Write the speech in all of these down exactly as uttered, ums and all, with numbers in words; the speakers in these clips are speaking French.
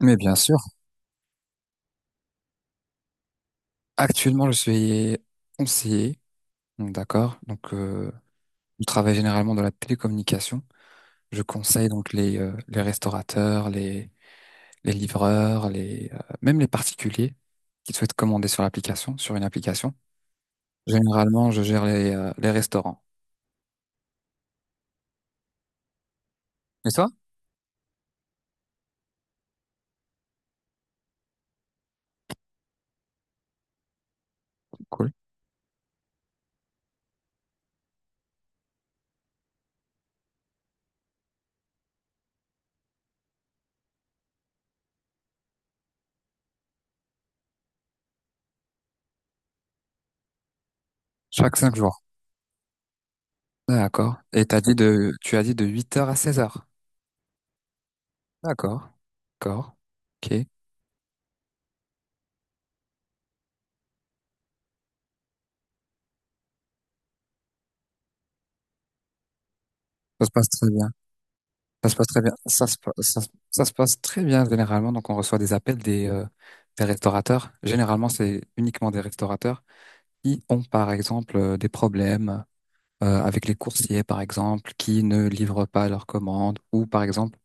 Mais bien sûr, actuellement, je suis conseiller, donc d'accord. Donc, euh, je travaille généralement dans la télécommunication. Je conseille donc les, euh, les restaurateurs, les, les livreurs, les, euh, même les particuliers qui souhaitent commander sur l'application, sur une application. Généralement, je gère les, euh, les restaurants. Et toi? Cool. Chaque cinq jours. D'accord. Et t'as dit de, tu as dit de huit heures à seize heures. D'accord. D'accord. Ok. Ça se passe très bien. Ça se passe très bien. Ça se, pa- ça, se ça se passe très bien généralement. Donc, on reçoit des appels des, euh, des restaurateurs. Généralement, c'est uniquement des restaurateurs qui ont, par exemple, euh, des problèmes euh, avec les coursiers, par exemple, qui ne livrent pas leurs commandes ou, par exemple,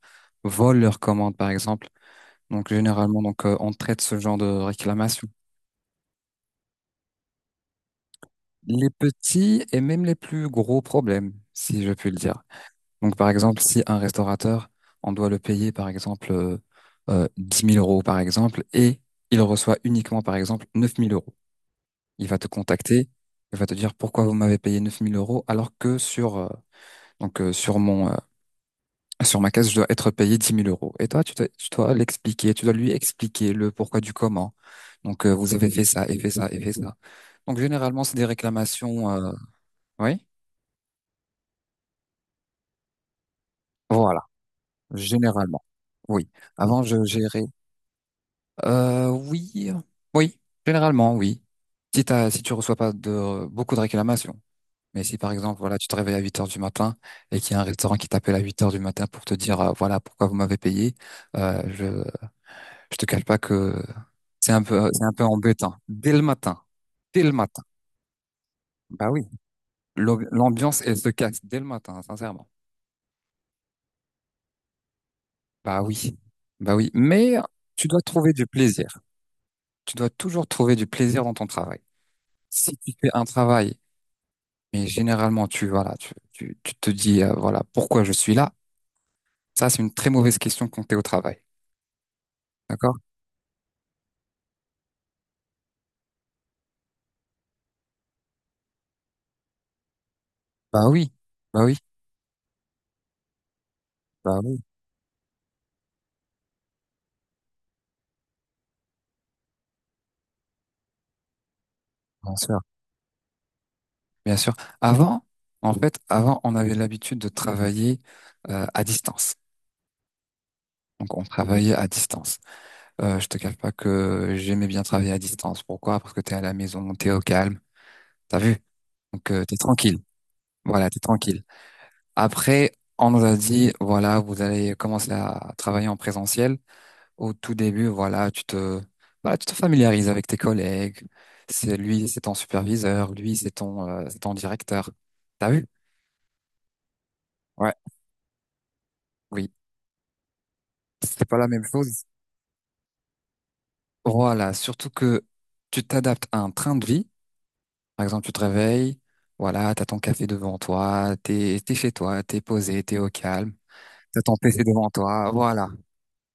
volent leurs commandes, par exemple. Donc, généralement, donc, euh, on traite ce genre de réclamation. Les petits et même les plus gros problèmes, si je puis le dire. Donc, par exemple, si un restaurateur, on doit le payer, par exemple, euh, euh, dix mille euros, par exemple, et il reçoit uniquement, par exemple, neuf mille euros. Il va te contacter, il va te dire pourquoi vous m'avez payé neuf mille euros alors que sur, euh, donc, euh, sur mon, euh, sur ma caisse, je dois être payé dix mille euros. Et toi, tu dois, tu dois l'expliquer, tu dois lui expliquer le pourquoi du comment. Donc, euh, vous avez fait ça et fait ça et fait ça. Donc, généralement, c'est des réclamations, euh, oui, voilà, généralement. Oui, avant je gérais. Euh, oui, oui, généralement, oui. Si t'as, si tu reçois pas de, beaucoup de réclamations. Mais si par exemple, voilà, tu te réveilles à huit heures du matin et qu'il y a un restaurant qui t'appelle à huit heures du matin pour te dire, euh, voilà, pourquoi vous m'avez payé, euh, je, je te cache pas que c'est un peu, c'est un peu embêtant. Dès le matin. Dès le matin. Bah oui. L'amb- L'ambiance, elle se casse dès le matin, sincèrement. Bah oui. Bah oui. Mais tu dois trouver du plaisir. Tu dois toujours trouver du plaisir dans ton travail. Si tu fais un travail. Mais généralement, tu, voilà, tu, tu, tu te dis, euh, voilà, pourquoi je suis là? Ça, c'est une très mauvaise question quand t'es au travail. D'accord? Bah oui, bah oui, bah oui, bien sûr, bien sûr. Avant, en fait, avant, on avait l'habitude de travailler euh, à distance. Donc, on travaillait à distance. Euh, je te cache pas que j'aimais bien travailler à distance. Pourquoi? Parce que t'es à la maison, t'es au calme, t'as vu? Donc, euh, t'es tranquille. Voilà, t'es tranquille. Après, on nous a dit, voilà, vous allez commencer à travailler en présentiel. Au tout début, voilà, tu te, voilà, tu te familiarises avec tes collègues. C'est lui, c'est ton superviseur, lui, c'est ton, euh, c'est ton directeur. T'as vu? Ouais, oui. C'est pas la même chose. Voilà, surtout que tu t'adaptes à un train de vie. Par exemple, tu te réveilles, voilà, t'as ton café devant toi, t'es, t'es chez toi, t'es posé, t'es au calme, t'as ton P C devant toi, voilà,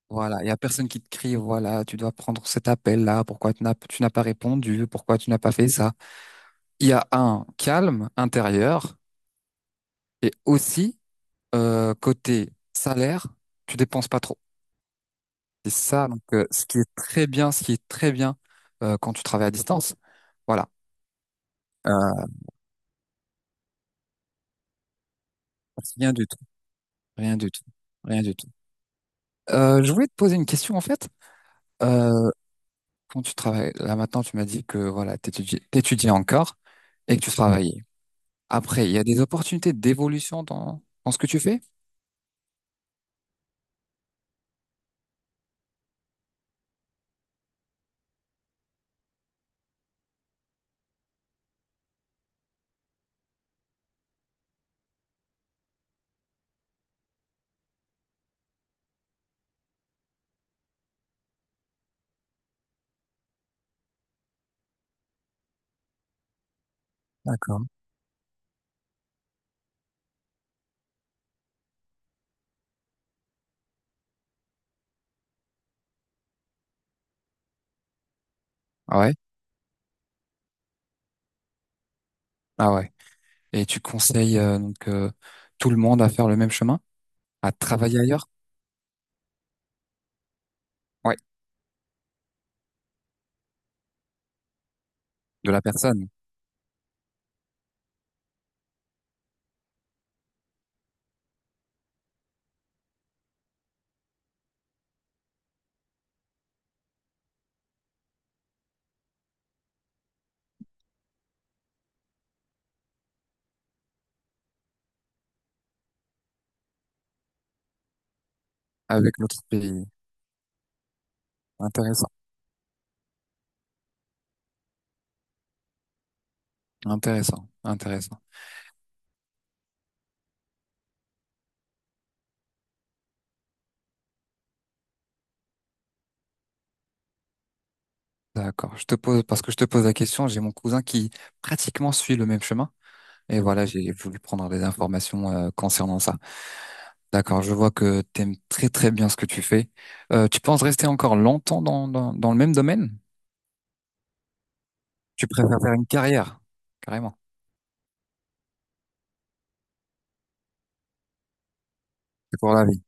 voilà. Il y a personne qui te crie, voilà, tu dois prendre cet appel-là, pourquoi tu n'as, tu n'as pas répondu, pourquoi tu n'as pas fait ça. Il y a un calme intérieur et aussi euh, côté salaire, tu dépenses pas trop. C'est ça donc euh, ce qui est très bien, ce qui est très bien euh, quand tu travailles à distance. Voilà. Euh, rien du tout, rien du tout, rien du tout. Euh, je voulais te poser une question en fait. Euh, quand tu travailles, là maintenant tu m'as dit que voilà, t'étudiais, t'étudiais encore et que tu travaillais. Après, il y a des opportunités d'évolution dans, dans ce que tu fais? D'accord. Ah ouais? Ah ouais. Et tu conseilles euh, donc euh, tout le monde à faire le même chemin, à travailler ailleurs? Ouais. De la personne avec l'autre pays. Intéressant, intéressant, intéressant. D'accord. Je te pose parce que je te pose la question. J'ai mon cousin qui pratiquement suit le même chemin. Et voilà, j'ai voulu prendre des informations euh, concernant ça. D'accord. Je vois que t'aimes très très bien ce que tu fais. Euh, tu penses rester encore longtemps dans, dans dans le même domaine? Tu préfères faire une carrière, carrément. C'est pour la vie.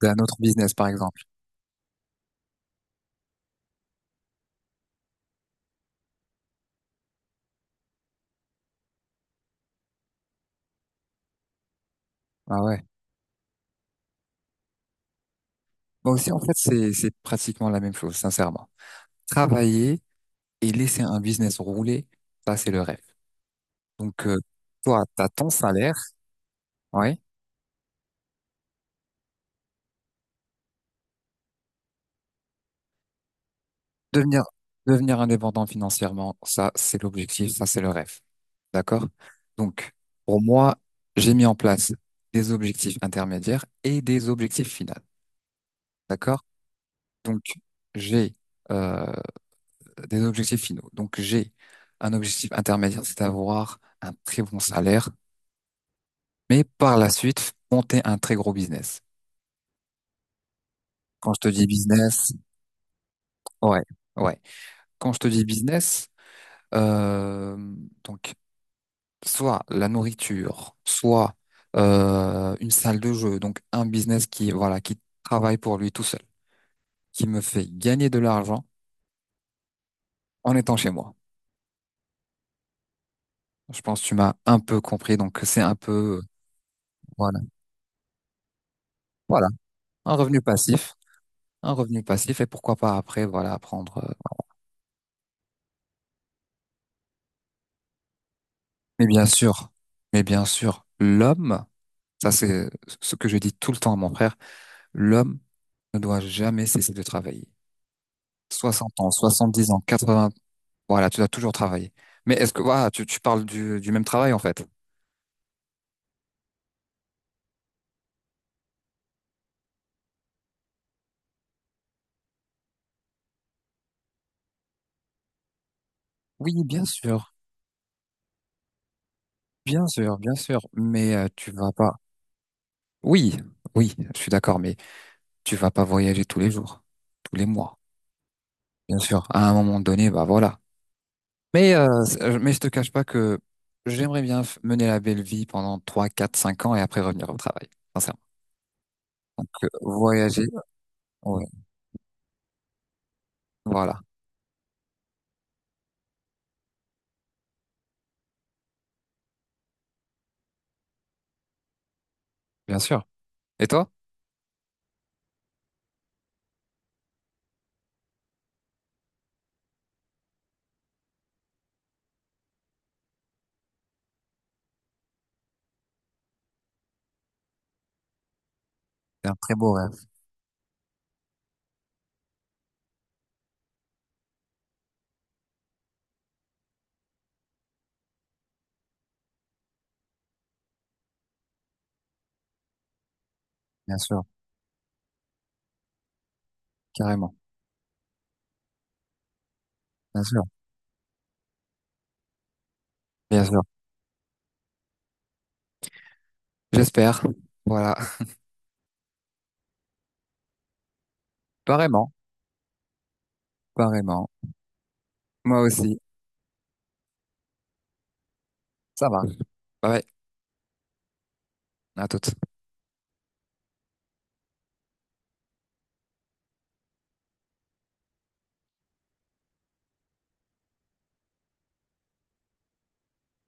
C'est un autre business, par exemple. Ah ouais. Moi aussi, en fait, c'est, c'est pratiquement la même chose, sincèrement. Travailler et laisser un business rouler, ça, c'est le rêve. Donc, euh, toi, t'as ton salaire, ouais. Devenir, devenir indépendant financièrement, ça, c'est l'objectif, ça, c'est le rêve. D'accord? Donc, pour moi, j'ai mis en place des objectifs intermédiaires et des objectifs finaux. D'accord? Donc, j'ai euh, des objectifs finaux. Donc, j'ai un objectif intermédiaire, c'est d'avoir un très bon salaire mais par la suite, monter un très gros business. Quand je te dis business, ouais, ouais. Quand je te dis business, euh, donc soit la nourriture, soit euh, une salle de jeu, donc un business qui, voilà, qui travaille pour lui tout seul, qui me fait gagner de l'argent en étant chez moi. Je pense que tu m'as un peu compris, donc c'est un peu, euh, voilà, voilà, un revenu passif, un revenu passif, et pourquoi pas après, voilà, prendre. Euh, Mais bien sûr, mais bien sûr, l'homme. Ça, c'est ce que je dis tout le temps à mon frère. L'homme ne doit jamais cesser de travailler. soixante ans, soixante-dix ans, quatre-vingts, voilà, tu dois toujours travailler. Mais est-ce que, voilà, tu, tu parles du, du même travail, en fait? Oui, bien sûr, bien sûr, bien sûr, mais euh, tu vas pas. Oui, oui, je suis d'accord, mais tu vas pas voyager tous les jours, tous les mois, bien sûr. À un moment donné, bah voilà. Mais euh, c'est- mais je te cache pas que j'aimerais bien f- mener la belle vie pendant trois, quatre, cinq ans et après revenir au travail. Sincèrement. Donc, euh, voyager. Ouais. Voilà, bien sûr. Et toi? C'est un très beau rêve, bien sûr, carrément, bien sûr, bien sûr. J'espère. Voilà, apparemment, apparemment. Moi aussi. Ça va. Bye bye. À toutes.